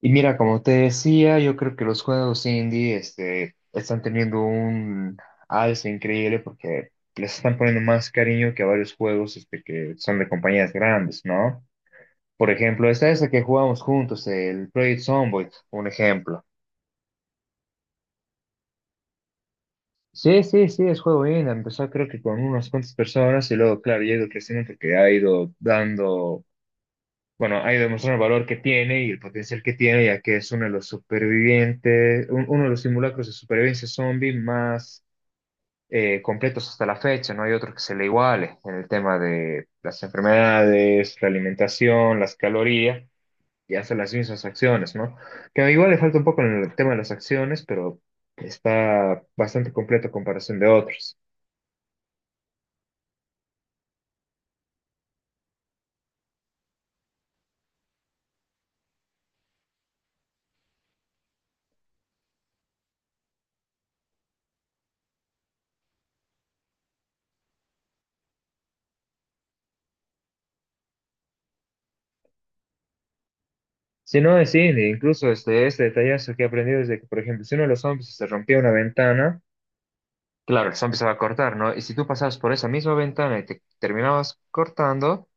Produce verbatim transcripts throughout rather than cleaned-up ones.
Y mira, como te decía, yo creo que los juegos indie este, están teniendo un alza increíble porque les están poniendo más cariño que a varios juegos este, que son de compañías grandes, ¿no? Por ejemplo, esta es la que jugamos juntos, el Project Zomboid, un ejemplo. Sí, sí, sí, es juego indie. Empezó creo que con unas cuantas personas y luego, claro, llega el crecimiento que ha ido dando bueno, ahí demuestran el valor que tiene y el potencial que tiene, ya que es uno de los supervivientes, un- uno de los simulacros de supervivencia zombie más eh, completos hasta la fecha. No hay otro que se le iguale en el tema de las enfermedades, la alimentación, las calorías y hace las mismas acciones, ¿no? Que igual le falta un poco en el tema de las acciones, pero está bastante completo a comparación de otros. Si no, sí, incluso este, este detallazo que he aprendido es de que, por ejemplo, si uno de los zombies se rompía una ventana, claro, el zombie se va a cortar, ¿no? Y si tú pasabas por esa misma ventana y te terminabas cortando,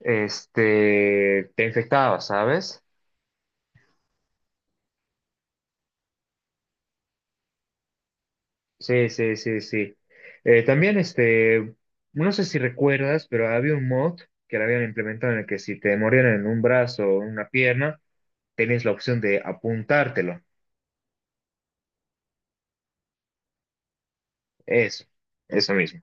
este, te infectabas, ¿sabes? Sí, sí, sí, sí. Eh, también, este, no sé si recuerdas, pero había un mod que lo habían implementado en el que si te morían en un brazo o en una pierna, tenías la opción de apuntártelo. Eso, eso mismo.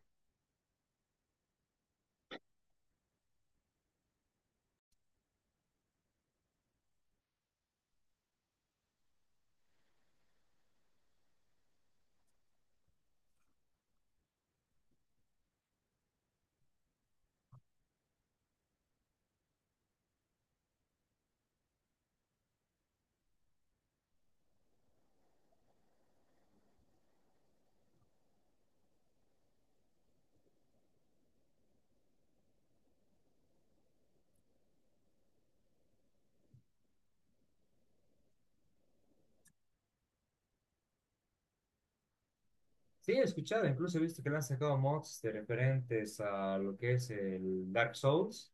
Sí, he escuchado, incluso he visto que le han sacado mods de referentes a lo que es el Dark Souls.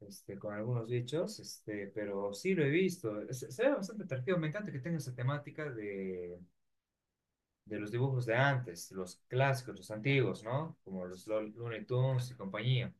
este, con algunos bichos, este, pero sí lo he visto. Se, se ve bastante atractivo. Me encanta que tenga esa temática de, de los dibujos de antes, los clásicos, los antiguos, ¿no? Como los Lo- Looney Tunes y compañía.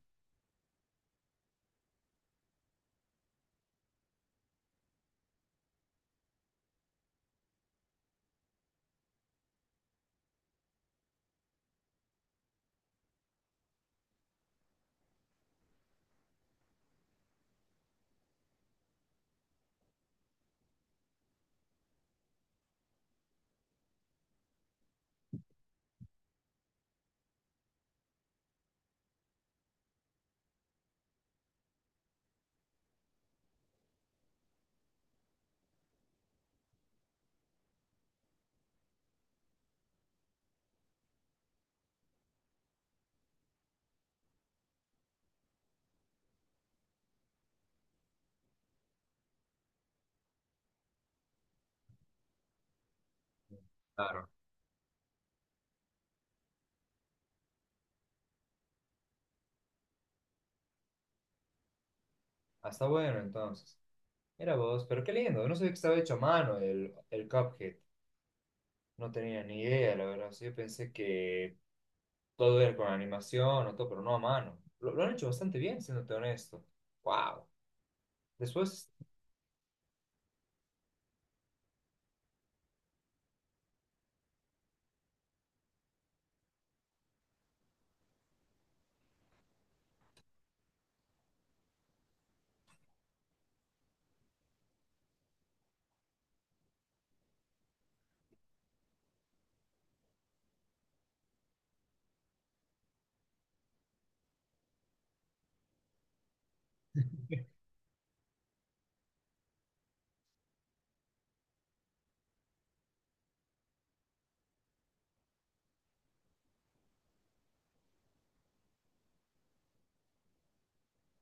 Claro. Hasta bueno, entonces. Era vos, pero qué lindo. No sabía que estaba hecho a mano el, el Cuphead. No tenía ni idea, la verdad. Sí, yo pensé que todo era con animación o todo, pero no a mano. Lo, lo han hecho bastante bien, siéndote honesto. ¡Wow! Después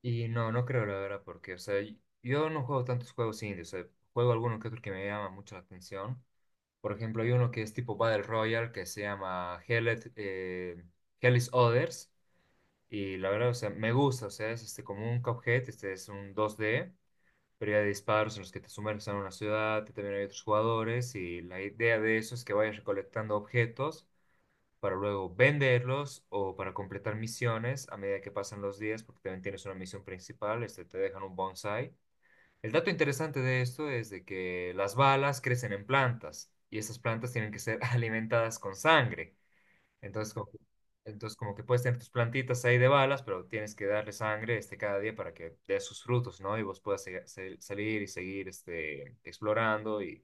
Y no, no creo la verdad, porque, o sea, y- yo no juego tantos juegos indie, o sea, juego alguno que otro que me llama mucho la atención. Por ejemplo, hay uno que es tipo Battle Royale que se llama Hell, Let- eh, Hell is Others, y la verdad, o sea, me gusta, o sea, es este, como un Cuphead, este es un dos d, pero ya de disparos en los que te sumerges en una ciudad, también hay otros jugadores, y la idea de eso es que vayas recolectando objetos para luego venderlos o para completar misiones a medida que pasan los días, porque también tienes una misión principal, este, te dejan un bonsai. El dato interesante de esto es de que las balas crecen en plantas y esas plantas tienen que ser alimentadas con sangre. Entonces, como, entonces, como que puedes tener tus plantitas ahí de balas, pero tienes que darle sangre este, cada día para que dé sus frutos, ¿no? Y vos puedas se- se- salir y seguir este, explorando y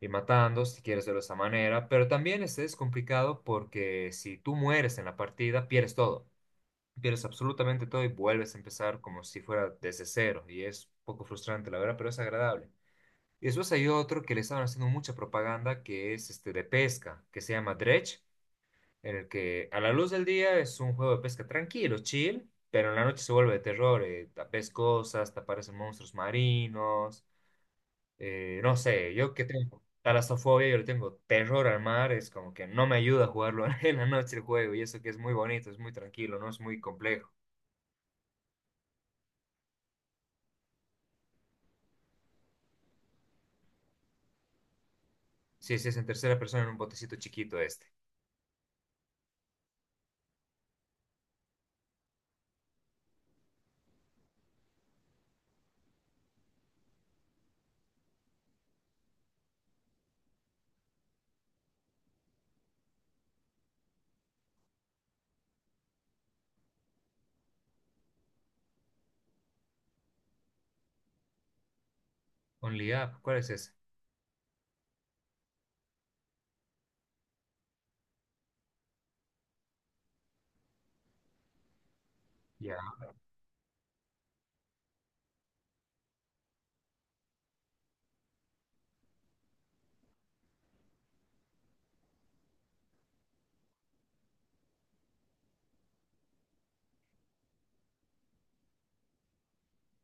y matando, si quieres verlo de esa manera, pero también este es complicado porque si tú mueres en la partida, pierdes todo, pierdes absolutamente todo y vuelves a empezar como si fuera desde cero, y es un poco frustrante, la verdad, pero es agradable. Y después hay otro que le estaban haciendo mucha propaganda, que es este de pesca, que se llama Dredge, en el que a la luz del día es un juego de pesca tranquilo, chill, pero en la noche se vuelve de terror, eh, ves cosas, te aparecen monstruos marinos, eh, no sé, yo que tengo talasofobia, yo le tengo terror al mar, es como que no me ayuda a jugarlo en la noche el juego, y eso que es muy bonito, es muy tranquilo, no es muy complejo. Sí, sí, es en tercera persona en un botecito chiquito este. Only Up, ¿cuál es ese? Ya.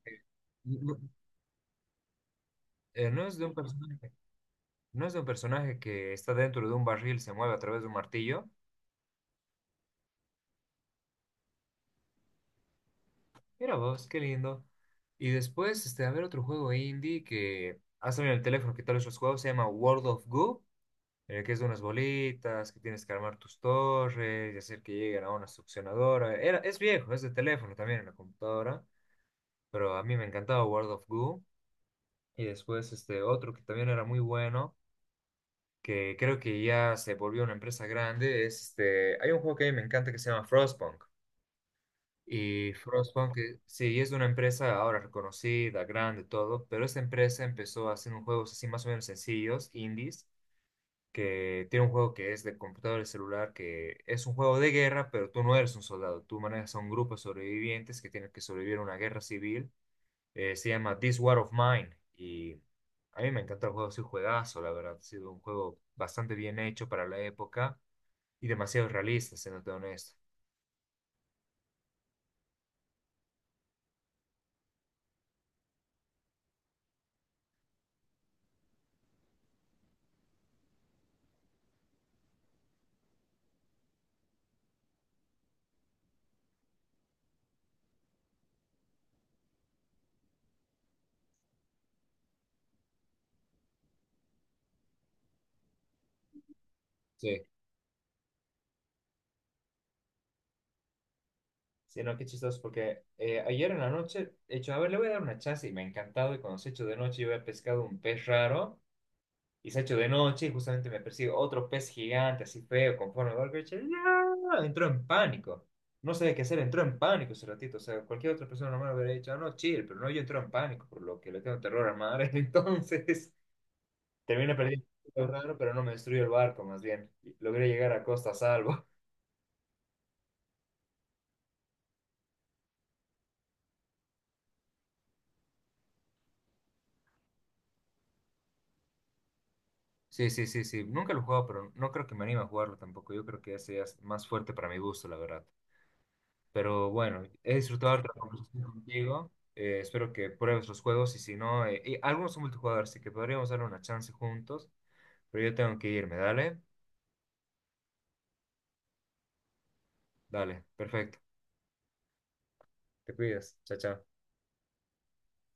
Eh, No, eh, no es de un personaje, no es de un personaje que está dentro de un barril, se mueve a través de un martillo. Mira vos, qué lindo. Y después, este, a ver otro juego indie que ha salido en el teléfono, que tal vez los juegos, se llama World of Goo, eh, que es de unas bolitas, que tienes que armar tus torres y hacer que lleguen a una succionadora. Era, es viejo, es de teléfono también en la computadora, pero a mí me encantaba World of Goo. Y después este otro que también era muy bueno, que creo que ya se volvió una empresa grande, es este, hay un juego que a mí me encanta que se llama Frostpunk. Y Frostpunk, eh, sí, es una empresa ahora reconocida, grande, todo, pero esta empresa empezó haciendo juegos así más o menos sencillos, indies, que tiene un juego que es de computador y celular, que es un juego de guerra, pero tú no eres un soldado, tú manejas a un grupo de sobrevivientes que tienen que sobrevivir a una guerra civil. Eh, se llama This War of Mine y a mí me encanta el juego, es un juegazo, la verdad, ha sido un juego bastante bien hecho para la época y demasiado realista, siéndote honesto. Sí. Sí, no, qué chistoso, porque eh, ayer en la noche, he hecho, a ver, le voy a dar una chance y me ha encantado. Y cuando se ha hecho de noche, yo había pescado un pez raro. Y se ha hecho de noche y justamente me persigue otro pez gigante, así feo, con forma de golpe. ¡Ya! Entró en pánico. No sabía qué hacer, entró en pánico ese ratito. O sea, cualquier otra persona normal hubiera dicho, "Ah, no, chill", pero no, yo entro en pánico, por lo que le tengo terror al mar. Entonces, terminé perdiendo lo raro, pero no me destruyó el barco, más bien. Logré llegar a costa a salvo. Sí, sí, sí, sí. Nunca lo he jugado, pero no creo que me anime a jugarlo tampoco. Yo creo que ese ya es más fuerte para mi gusto, la verdad. Pero bueno, he disfrutado de la conversación contigo. Eh, espero que pruebes los juegos y si no, eh, y algunos son multijugador, así que podríamos darle una chance juntos. Pero yo tengo que irme, dale, dale, perfecto. Te cuidas, chao, chao.